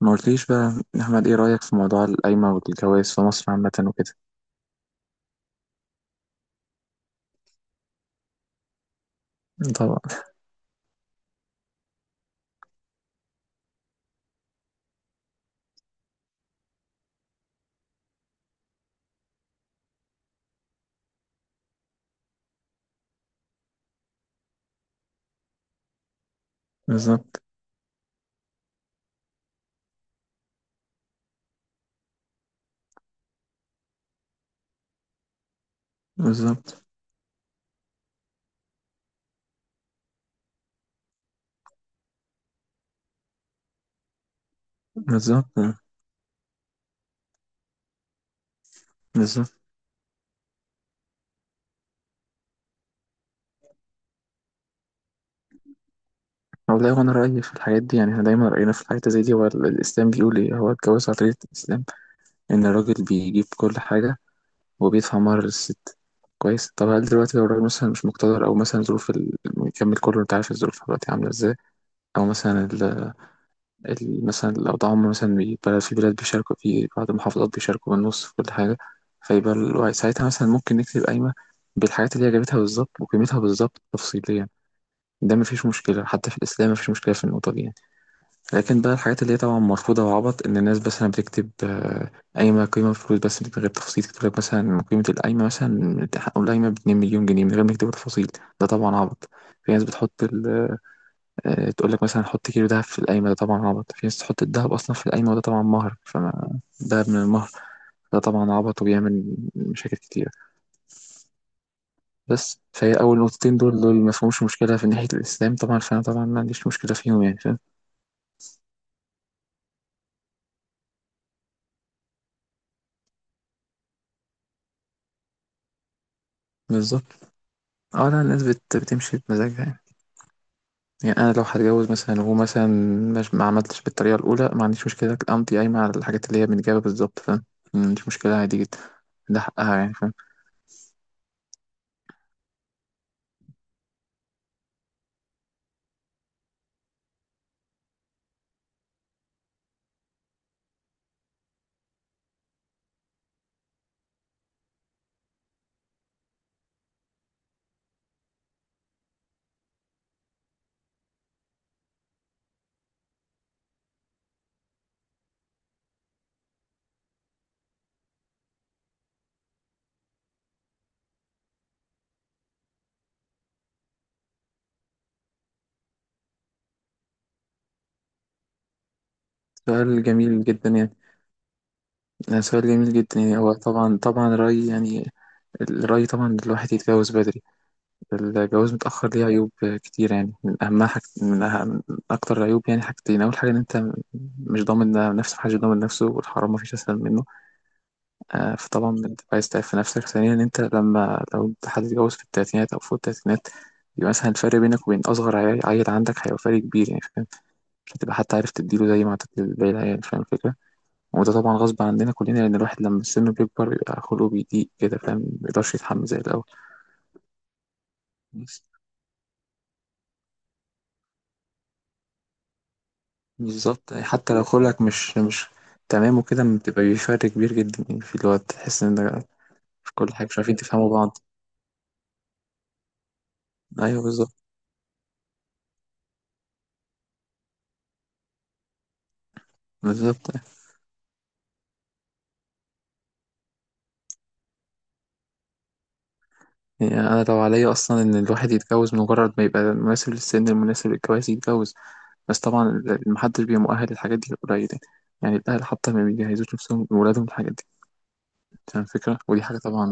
ما قلتليش بقى يا أحمد، إيه رأيك في موضوع القايمة والجواز في مصر عامة وكده؟ طبعا. بالظبط. بالظبط. بالظبط. بالظبط. والله، وأنا رأيي في الحاجات دي يعني إحنا دايما رأينا في الحاجات زي دي هو الإسلام بيقول إيه. هو الجواز على طريقة الإسلام إن الراجل بيجيب كل حاجة وبيدفع مهر للست. كويس. طب هل دلوقتي لو الراجل مثلا مش مقتدر، أو مثلا ظروف يكمل كله، أنت عارف الظروف دلوقتي عاملة إزاي، أو مثلا مثلا لو ده عمر، مثلا بيبقى في بلاد بيشاركوا، في بعض المحافظات بيشاركوا بالنص في كل حاجة، فيبقى الوعي ساعتها مثلا ممكن نكتب قايمة بالحاجات اللي هي جابتها بالظبط وقيمتها بالظبط تفصيليا، ده مفيش مشكلة، حتى في الإسلام مفيش مشكلة في النقطة دي يعني. لكن بقى الحاجات اللي هي طبعا مرفوضة وعبط إن الناس مثلا بتكتب قايمة قيمة بفلوس بس من غير تفصيل، تكتب لك مثلا قيمة القايمة مثلا حقوا القايمة بـ2 مليون جنيه من غير ما يكتبوا تفاصيل، ده طبعا عبط. في ناس بتحط ال تقول لك مثلا حط كيلو دهب في القايمة، ده طبعا عبط. في ناس تحط الدهب أصلا في القايمة، وده طبعا مهر فما دهب من المهر، ده طبعا عبط وبيعمل مشاكل كتيرة. بس فهي أول نقطتين دول ما فيهمش مشكلة في ناحية الإسلام طبعا، فأنا طبعا ما عنديش مشكلة فيهم يعني، فاهم. بالظبط. اه لا، الناس بتمشي بمزاجها يعني. يعني أنا لو هتجوز مثلا، وهو مثلا مش، ما عملتش بالطريقة الأولى، ما عنديش مشكلة أمضي قايمة على الحاجات اللي هي بنجابة بالظبط، فاهم. ما عنديش مشكلة عادي جدا. ده حقها يعني، فاهم. سؤال جميل جدا يعني. ده سؤال جميل جدا يعني. هو طبعا طبعا الرأي يعني، الرأي طبعا إن الواحد يتجوز بدري. الجواز متأخر ليه عيوب كتير يعني، من أهمها حاجة أهم من أكتر العيوب يعني حاجتين. أول حاجة إن أنت مش ضامن نفسك، محدش ضامن نفسه، والحرام مفيش أسهل منه. آه فطبعا أنت عايز تعرف نفسك. ثانيا إن أنت لما، لو أنت حد اتجوز في التلاتينات أو فوق التلاتينات، يبقى مثلا الفرق بينك وبين أصغر عيل عندك هيبقى فرق كبير يعني، فاهم. مش هتبقى حتى عارف تديله زي ما هتدي باقي العيال، فاهم الفكرة. وده طبعا غصب عننا كلنا، لأن الواحد لما السن بيكبر بيبقى خلقه بيضيق كده، فاهم، مبيقدرش يتحمل زي الأول. بس. بالظبط يعني. حتى لو خلقك مش تمام وكده بتبقى بفرق كبير جدا يعني، في الوقت تحس إن ده في كل حاجة مش عارفين تفهموا بعض. أيوه بالظبط. بالظبط يعني أنا لو عليا، أصلا إن الواحد يتجوز مجرد ما يبقى مناسب للسن المناسب للجواز يتجوز. بس طبعا محدش بيبقى مؤهل للحاجات دي، قليل يعني. الأهل حتى ما بيجهزوش نفسهم لولادهم الحاجات دي. فاهم الفكرة، ودي حاجة طبعا.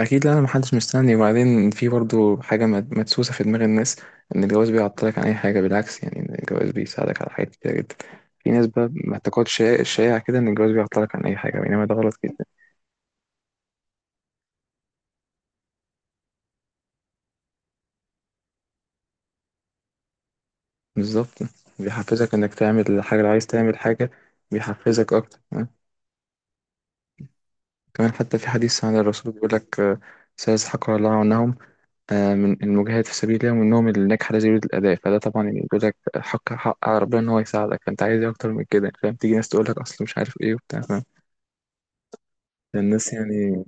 اكيد. لا انا محدش مستني. وبعدين في برضو حاجه مدسوسه في دماغ الناس ان الجواز بيعطلك عن اي حاجه، بالعكس يعني، إن الجواز بيساعدك على حاجات كتير جدا. في ناس بقى معتقد شائع شائع كده ان الجواز بيعطلك عن اي حاجه، بينما ده غلط جدا. بالظبط. بيحفزك انك تعمل الحاجه لو عايز تعمل حاجه. بيحفزك اكتر أه؟ كمان حتى في حديث عن الرسول بيقول لك سيزحق الله عنهم من المجاهد في سبيل الله، ومنهم اللي نجح لا يريد الأداء. فده طبعا يعني بيقول لك حق حق على ربنا إن هو يساعدك، فأنت عايز إيه أكتر من كده، فاهم. تيجي ناس تقول لك أصل مش عارف إيه وبتاع، فاهم. الناس يعني.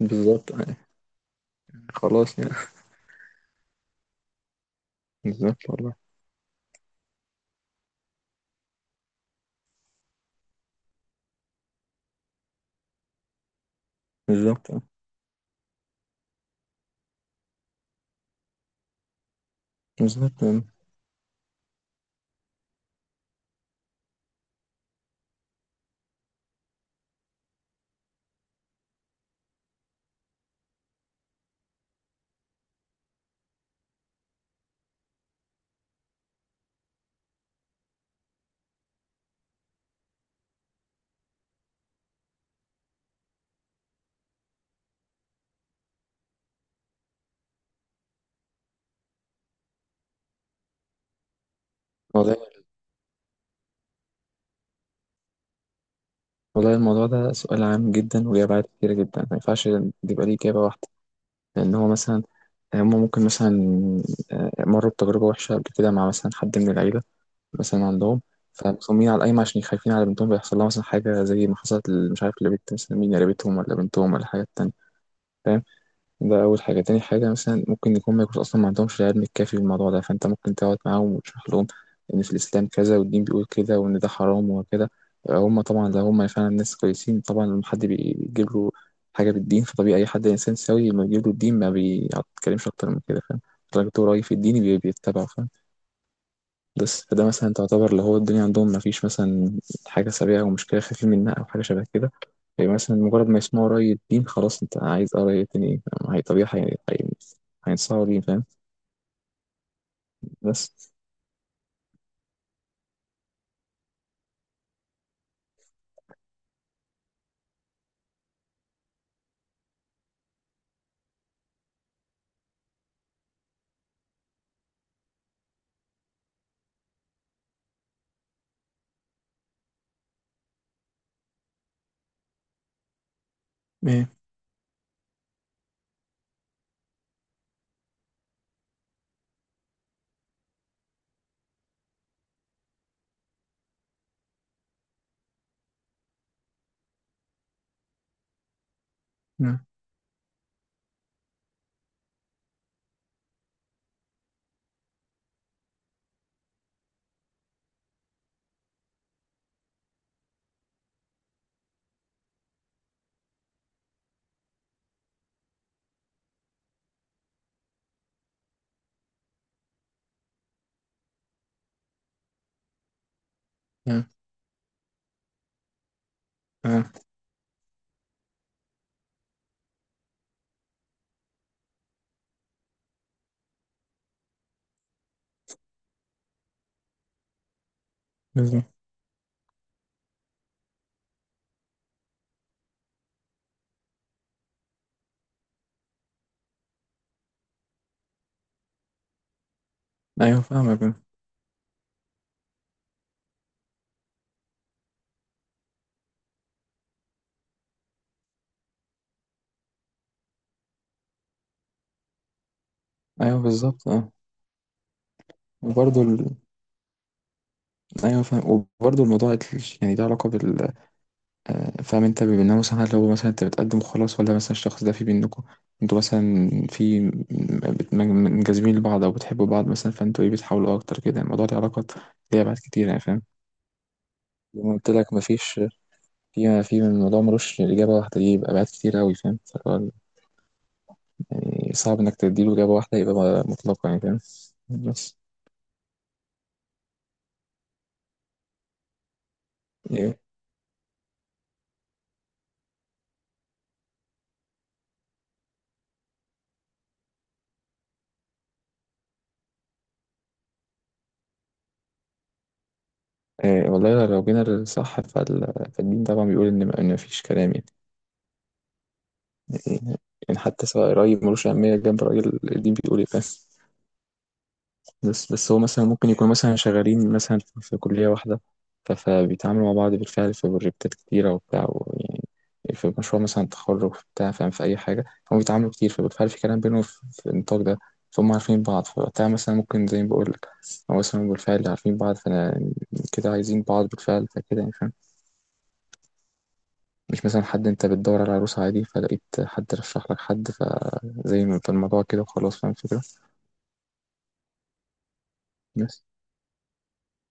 بالظبط. خلاص يعني. بالظبط والله. بالظبط. بالظبط. آه. والله. والله الموضوع ده سؤال عام جدا وليه أبعاد كتيرة جدا، ما ينفعش يبقى ليه إجابة واحدة. لأن هو مثلا هم ممكن مثلا مروا بتجربة وحشة قبل كده مع مثلا حد من العيلة مثلا عندهم، فمصممين على القايمة عشان خايفين على بنتهم بيحصل لها مثلا حاجة زي ما حصلت مش عارف لبنت مثلا مين، قريبتهم ولا بنتهم ولا حاجة تانية، فاهم. ده أول حاجة. تاني حاجة مثلا ممكن يكون، ما يكونوا أصلا ما عندهمش العلم الكافي بالموضوع ده، فأنت ممكن تقعد معاهم وتشرح لهم إن في الإسلام كذا والدين بيقول كده وإن ده حرام وكده. هم طبعا لو هم فعلا ناس كويسين، طبعا لما حد بيجيب له حاجة بالدين، فطبيعي أي حد إنسان سوي لما بيجيب له الدين ما بيتكلمش أكتر من كده، فاهم. الراجل رأي في الدين بيتبعه، فاهم. بس فده مثلا تعتبر اللي هو الدنيا عندهم ما فيش مثلا حاجة سريعة أو مشكلة خفيفة منها أو حاجة شبه كده. يعني مثلا مجرد ما يسمعوا رأي الدين خلاص، أنت عايز آه رأي الدين إيه. هي طبيعي هينصحوا ليه، فاهم. بس إيه. آه. آه. آه. بالظبط. أيوه فاهمك. أيوه بالظبط أه. وبرضه ال... أيوه فاهم. وبرضه الموضوع يعني له علاقة بال فاهم انت، بيبقى إنها مثلا هل هو مثلا، انت بتقدم خلاص ولا مثلا الشخص ده في بينكم انتوا مثلا في منجذبين لبعض او بتحبوا بعض مثلا، فانتوا ايه بتحاولوا اكتر كده. الموضوع ده علاقات ليها ابعاد كتير يعني، فاهم. زي ما قلت لك، مفيش في الموضوع ملوش اجابه واحده دي، يبقى ابعاد كتير قوي، فاهم. فهو يعني صعب انك تديله اجابه واحده يبقى مطلقه يعني، فاهم. بس ايه؟ إيه، والله لو جينا للصح فالدين طبعا بيقول ان، إن مفيش كلام يعني. يعني حتى سواء رأي ملوش أهمية جنب رأي الدين. بيقول إيه، فاهم. بس بس هو مثلا ممكن يكونوا مثلا شغالين مثلا في كلية واحدة، فبيتعاملوا مع بعض بالفعل في بروجكتات كتيرة وبتاع، يعني في مشروع مثلا تخرج في بتاع، فاهم، في أي حاجة، فهم بيتعاملوا كتير فبالفعل في كلام بينهم في النطاق ده. فهم عارفين بعض، فوقتها مثلا ممكن زي ما بقول لك هو مثلا بالفعل عارفين بعض، فأنا كده عايزين بعض بالفعل، فكده يعني، فاهم. مش مثلا حد انت بتدور على عروسة عادي فلقيت حد رشح لك حد فزي ما، فالموضوع كده وخلاص، فاهم الفكرة. بس